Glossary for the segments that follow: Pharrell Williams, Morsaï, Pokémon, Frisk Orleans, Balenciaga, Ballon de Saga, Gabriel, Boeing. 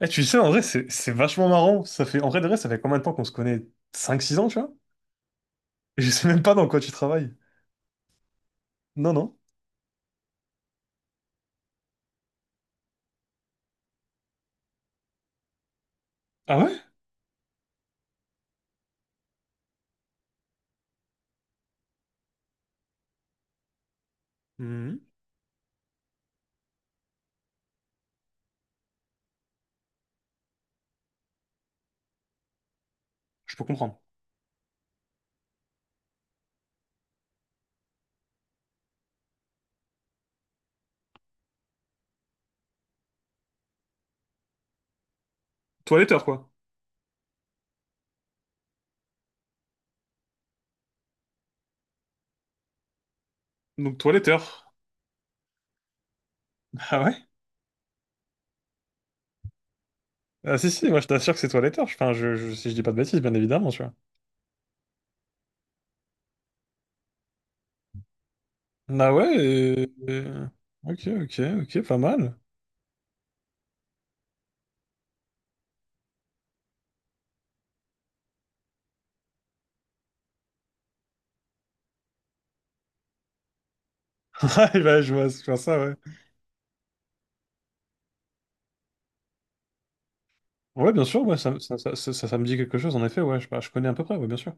Eh, tu sais, en vrai, c'est vachement marrant. Ça fait, en vrai, de vrai, ça fait combien de temps qu'on se connaît? 5 6 ans, tu vois? Et je sais même pas dans quoi tu travailles. Non, non. Ah ouais? Mhm. Je peux comprendre. Toiletteur, quoi. Donc, toiletteur. Ah ouais? Ah si, si, moi, je t'assure que c'est toiletteur. Enfin, si je dis pas de bêtises, bien évidemment, tu vois. Ah ouais? Ok, ok, ok, pas mal. Ah, eh ben, je vois ça, ouais. Ouais, bien sûr, ouais, ça me dit quelque chose, en effet, ouais. Je, bah, je connais à peu près, ouais, bien sûr.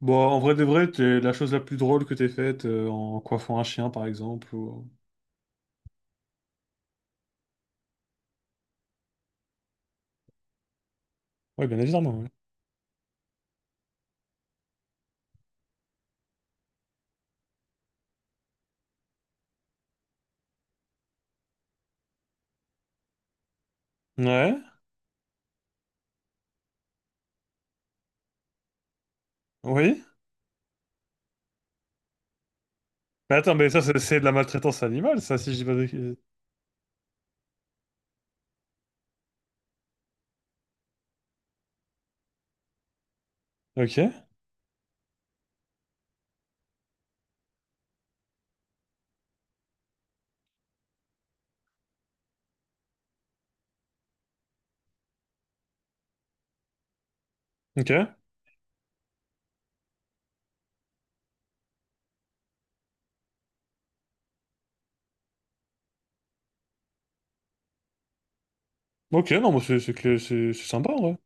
Bon, en vrai de vrai, t'es la chose la plus drôle que t'aies faite en coiffant un chien, par exemple, ou... Ouais, bien évidemment. Ouais. Ouais, oui. Mais attends, mais ça, c'est de la maltraitance animale, ça, si je dis pas de... Ok, ok. Ok, non, mais c'est sympa, en vrai.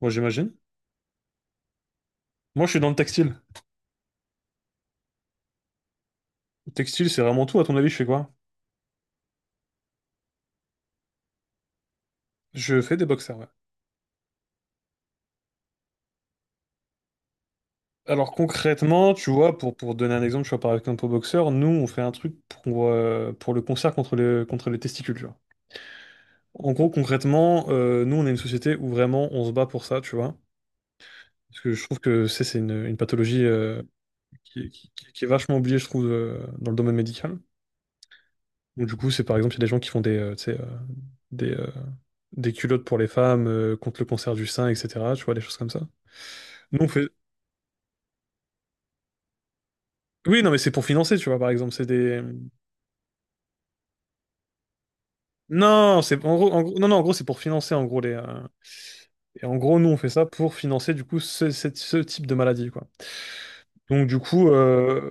Moi, j'imagine. Moi, je suis dans le textile. Le textile, c'est vraiment tout. À ton avis, je fais quoi? Je fais des boxers, ouais. Alors, concrètement, tu vois, pour donner un exemple, tu vois, par exemple, aux boxeur, nous, on fait un truc pour le concert contre les testicules, tu vois. En gros, concrètement, nous, on est une société où vraiment on se bat pour ça, tu vois. Parce que je trouve que c'est une pathologie qui, qui est vachement oubliée, je trouve, dans le domaine médical. Donc, du coup, c'est par exemple, il y a des gens qui font des, tu sais, des, euh, des culottes pour les femmes contre le cancer du sein, etc. Tu vois, des choses comme ça. Nous, on fait... Oui, non, mais c'est pour financer, tu vois, par exemple. C'est des. Non, c'est en gros- non, non, en gros, c'est pour financer, en gros, les, et en gros, nous, on fait ça pour financer, du coup, ce type de maladie, quoi. Donc, du coup,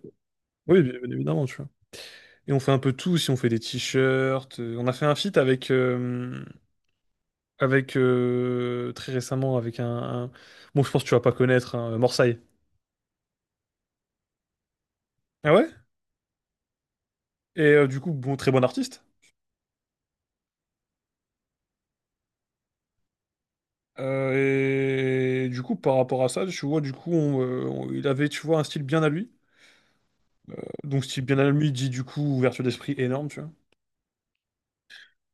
oui, bien évidemment, tu vois. Et on fait un peu tout, si on fait des t-shirts, on a fait un feat avec, très récemment avec un- bon, je pense que tu vas pas connaître, hein, Morsaï. Ah ouais? Et du coup, bon, très bon artiste. Euh, et du coup, par rapport à ça, tu vois, du coup, il avait, tu vois, un style bien à lui. Donc, style bien à lui dit du coup ouverture d'esprit énorme, tu vois.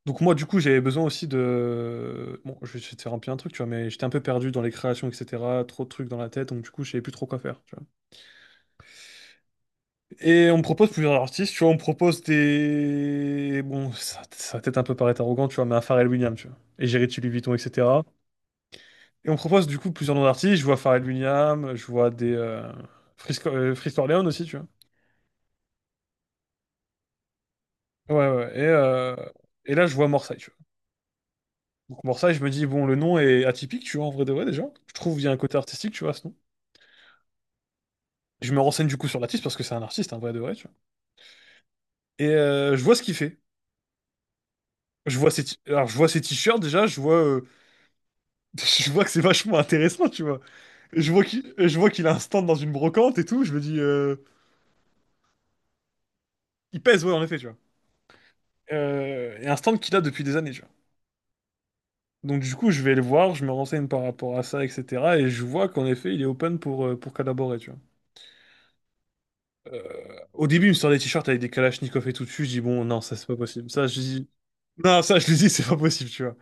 Donc moi, du coup, j'avais besoin aussi de... Bon, je vais te faire un peu un truc, tu vois, mais j'étais un peu perdu dans les créations, etc. Trop de trucs dans la tête, donc du coup, je savais plus trop quoi faire, tu vois. Et on me propose plusieurs artistes, tu vois, on me propose des... Bon, ça va peut-être un peu paraître arrogant, tu vois, mais un Pharrell Williams, tu vois. Et j'ai Louis Vuitton, etc. Et on me propose du coup plusieurs noms d'artistes, je vois Pharrell Williams, je vois des... Frisco- Frisk Orleans aussi, tu vois. Ouais, ouais, et là, je vois Morsay, tu vois. Donc Morsay, je me dis, bon, le nom est atypique, tu vois, en vrai de vrai, déjà. Je trouve qu'il y a un côté artistique, tu vois, à ce nom. Je me renseigne du coup sur l'artiste, parce que c'est un artiste, en vrai de vrai, tu vois. Et je vois ce qu'il fait. Je vois ses t- Alors, je vois ses t-shirts, déjà, je vois... je vois que c'est vachement intéressant, tu vois. Et je vois qu'il a un stand dans une brocante et tout. Je me dis, il pèse, ouais, en effet, tu vois. Et un stand qu'il a depuis des années, tu vois. Donc du coup, je vais le voir, je me renseigne par rapport à ça, etc. Et je vois qu'en effet, il est open pour collaborer, tu vois. Au début, il me sort des t-shirts avec des Kalachnikov et tout dessus. Je dis, bon, non, ça, c'est pas possible. Ça, je dis, non, ça, je lui dis, c'est pas possible, tu vois.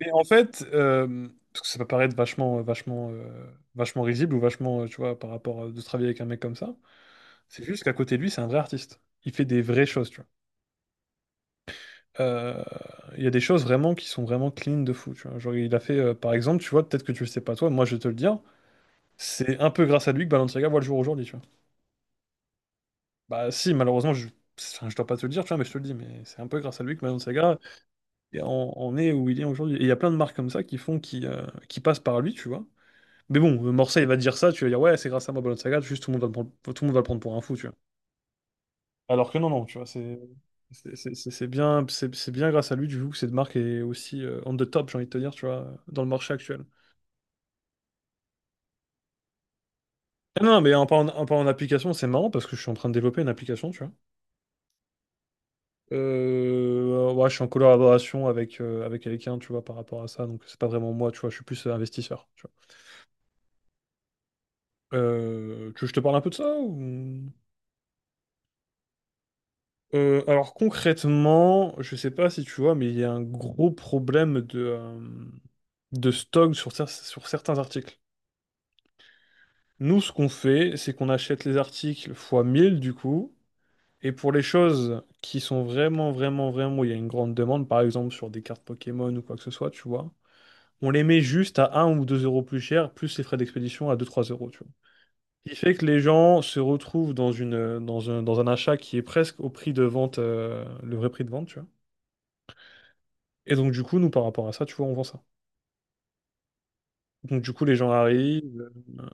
Et en fait, parce que ça peut paraître vachement, vachement risible ou vachement, tu vois, par rapport à de travailler avec un mec comme ça. C'est juste qu'à côté de lui, c'est un vrai artiste. Il fait des vraies choses, tu vois. Euh, Il y a des choses vraiment qui sont vraiment clean de fou. Tu vois. Genre, il a fait, par exemple, tu vois, peut-être que tu le sais pas toi, moi je vais te le dire, c'est un peu grâce à lui que Balenciaga voit le jour aujourd'hui. Tu vois. Bah, si, malheureusement, je, enfin, je dois pas te le dire, tu vois, mais je te le dis, mais c'est un peu grâce à lui que Balenciaga en est où il est aujourd'hui. Et il y a plein de marques comme ça qui font, qui passent par lui, tu vois. Mais bon, Morcel, il va te dire ça, tu vas dire, ouais, c'est grâce à moi, Balenciaga, juste tout le monde va le prendre, tout le monde va le prendre pour un fou, tu vois. Alors que non, non, tu vois, c'est bien, c'est bien grâce à lui du coup que cette marque est aussi on the top, j'ai envie de te dire, tu vois, dans le marché actuel. Ah non, mais en parlant d'application, c'est marrant parce que je suis en train de développer une application, tu vois. Ouais, je suis en collaboration avec, avec quelqu'un, tu vois, par rapport à ça, donc c'est pas vraiment moi, tu vois, je suis plus investisseur, tu vois. Tu veux que je te parle un peu de ça ou... alors concrètement, je sais pas si tu vois, mais il y a un gros problème de stock sur, sur certains articles. Nous, ce qu'on fait, c'est qu'on achète les articles fois 1000 du coup. Et pour les choses qui sont vraiment, il y a une grande demande, par exemple sur des cartes Pokémon ou quoi que ce soit, tu vois, on les met juste à un ou 2 euros plus cher, plus les frais d'expédition à deux trois euros, tu vois. Ce qui fait que les gens se retrouvent dans une, dans un achat qui est presque au prix de vente, le vrai prix de vente, tu vois. Et donc, du coup, nous, par rapport à ça, tu vois, on vend ça. Donc, du coup, les gens arrivent, euh,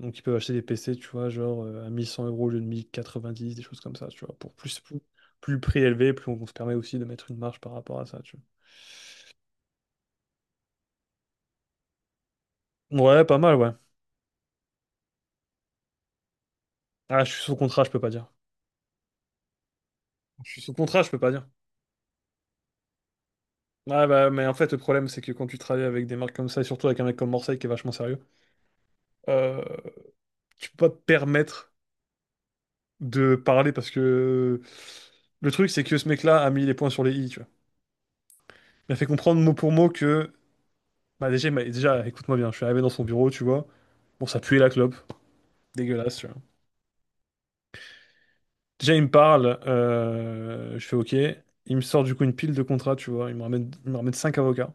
donc, ils peuvent acheter des PC, tu vois, genre à 1100 euros au lieu de 1090, des choses comme ça, tu vois. Plus le prix est élevé, on se permet aussi de mettre une marge par rapport à ça, tu vois. Ouais, pas mal, ouais. Ah, je suis sous contrat, je peux pas dire. Je suis sous contrat, je peux pas dire. Ouais, bah, mais en fait, le problème, c'est que quand tu travailles avec des marques comme ça, et surtout avec un mec comme Morseille qui est vachement sérieux, euh, tu peux pas te permettre de parler parce que le truc, c'est que ce mec-là a mis les points sur les i, tu vois. Il m'a fait comprendre mot pour mot que, bah, déjà, écoute-moi bien, je suis arrivé dans son bureau, tu vois. Bon, ça puait la clope. Dégueulasse, tu vois. Déjà, il me parle, je fais OK. Il me sort du coup une pile de contrats, tu vois. Il me ramène 5 avocats.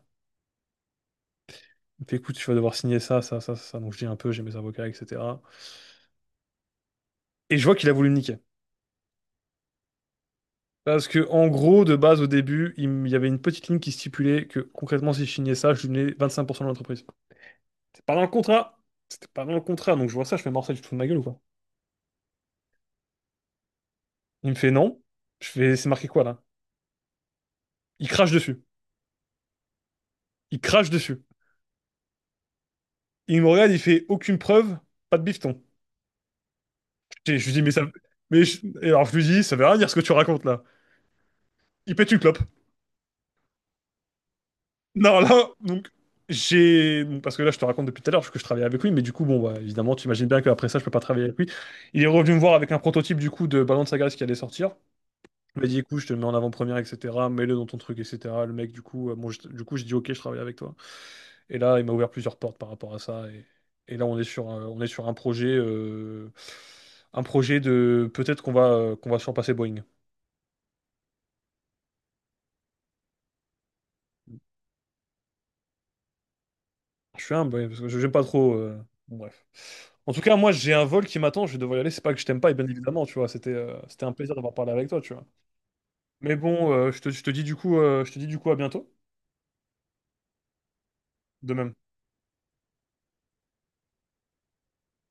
Il me fait, écoute, tu vas devoir signer ça, ça, ça, ça. Donc je dis un peu, j'ai mes avocats, etc. Et je vois qu'il a voulu me niquer. Parce que, en gros, de base, au début, il y avait une petite ligne qui stipulait que concrètement, si je signais ça, je lui donnais 25% de l'entreprise. C'est pas dans le contrat. C'était pas dans le contrat. Donc je vois ça, je fais morceau, tu te fous de ma gueule ou quoi? Il me fait non. Je fais, c'est marqué quoi là? Il crache dessus. Il crache dessus. Il me regarde, il fait aucune preuve, pas de bifton. Et je lui dis, mais ça. Alors je lui dis, ça veut rien dire ce que tu racontes là. Il pète une clope. Non, là, donc, j'ai. Parce que là, je te raconte depuis tout à l'heure que je travaillais avec lui, mais du coup, bon, bah, évidemment, tu imagines bien qu'après ça, je peux pas travailler avec lui. Il est revenu me voir avec un prototype du coup de Ballon de Saga qui allait sortir. Il m'a dit, écoute, je te le mets en avant-première, etc. Mets-le dans ton truc, etc. Le mec, du coup, bon, du coup, j'ai dit, ok, je travaille avec toi. Et là, il m'a ouvert plusieurs portes par rapport à ça. Et là, on est on est sur un projet, un projet de peut-être qu'on va surpasser Boeing. Ah, je suis humble, oui, parce que je n'aime pas trop, bon, bref. En tout cas, moi, j'ai un vol qui m'attend, je vais devoir y aller. C'est pas que je t'aime pas, et bien évidemment, tu vois. C'était c'était un plaisir d'avoir parlé avec toi, tu vois. Mais bon, je te dis du coup, à bientôt. De même.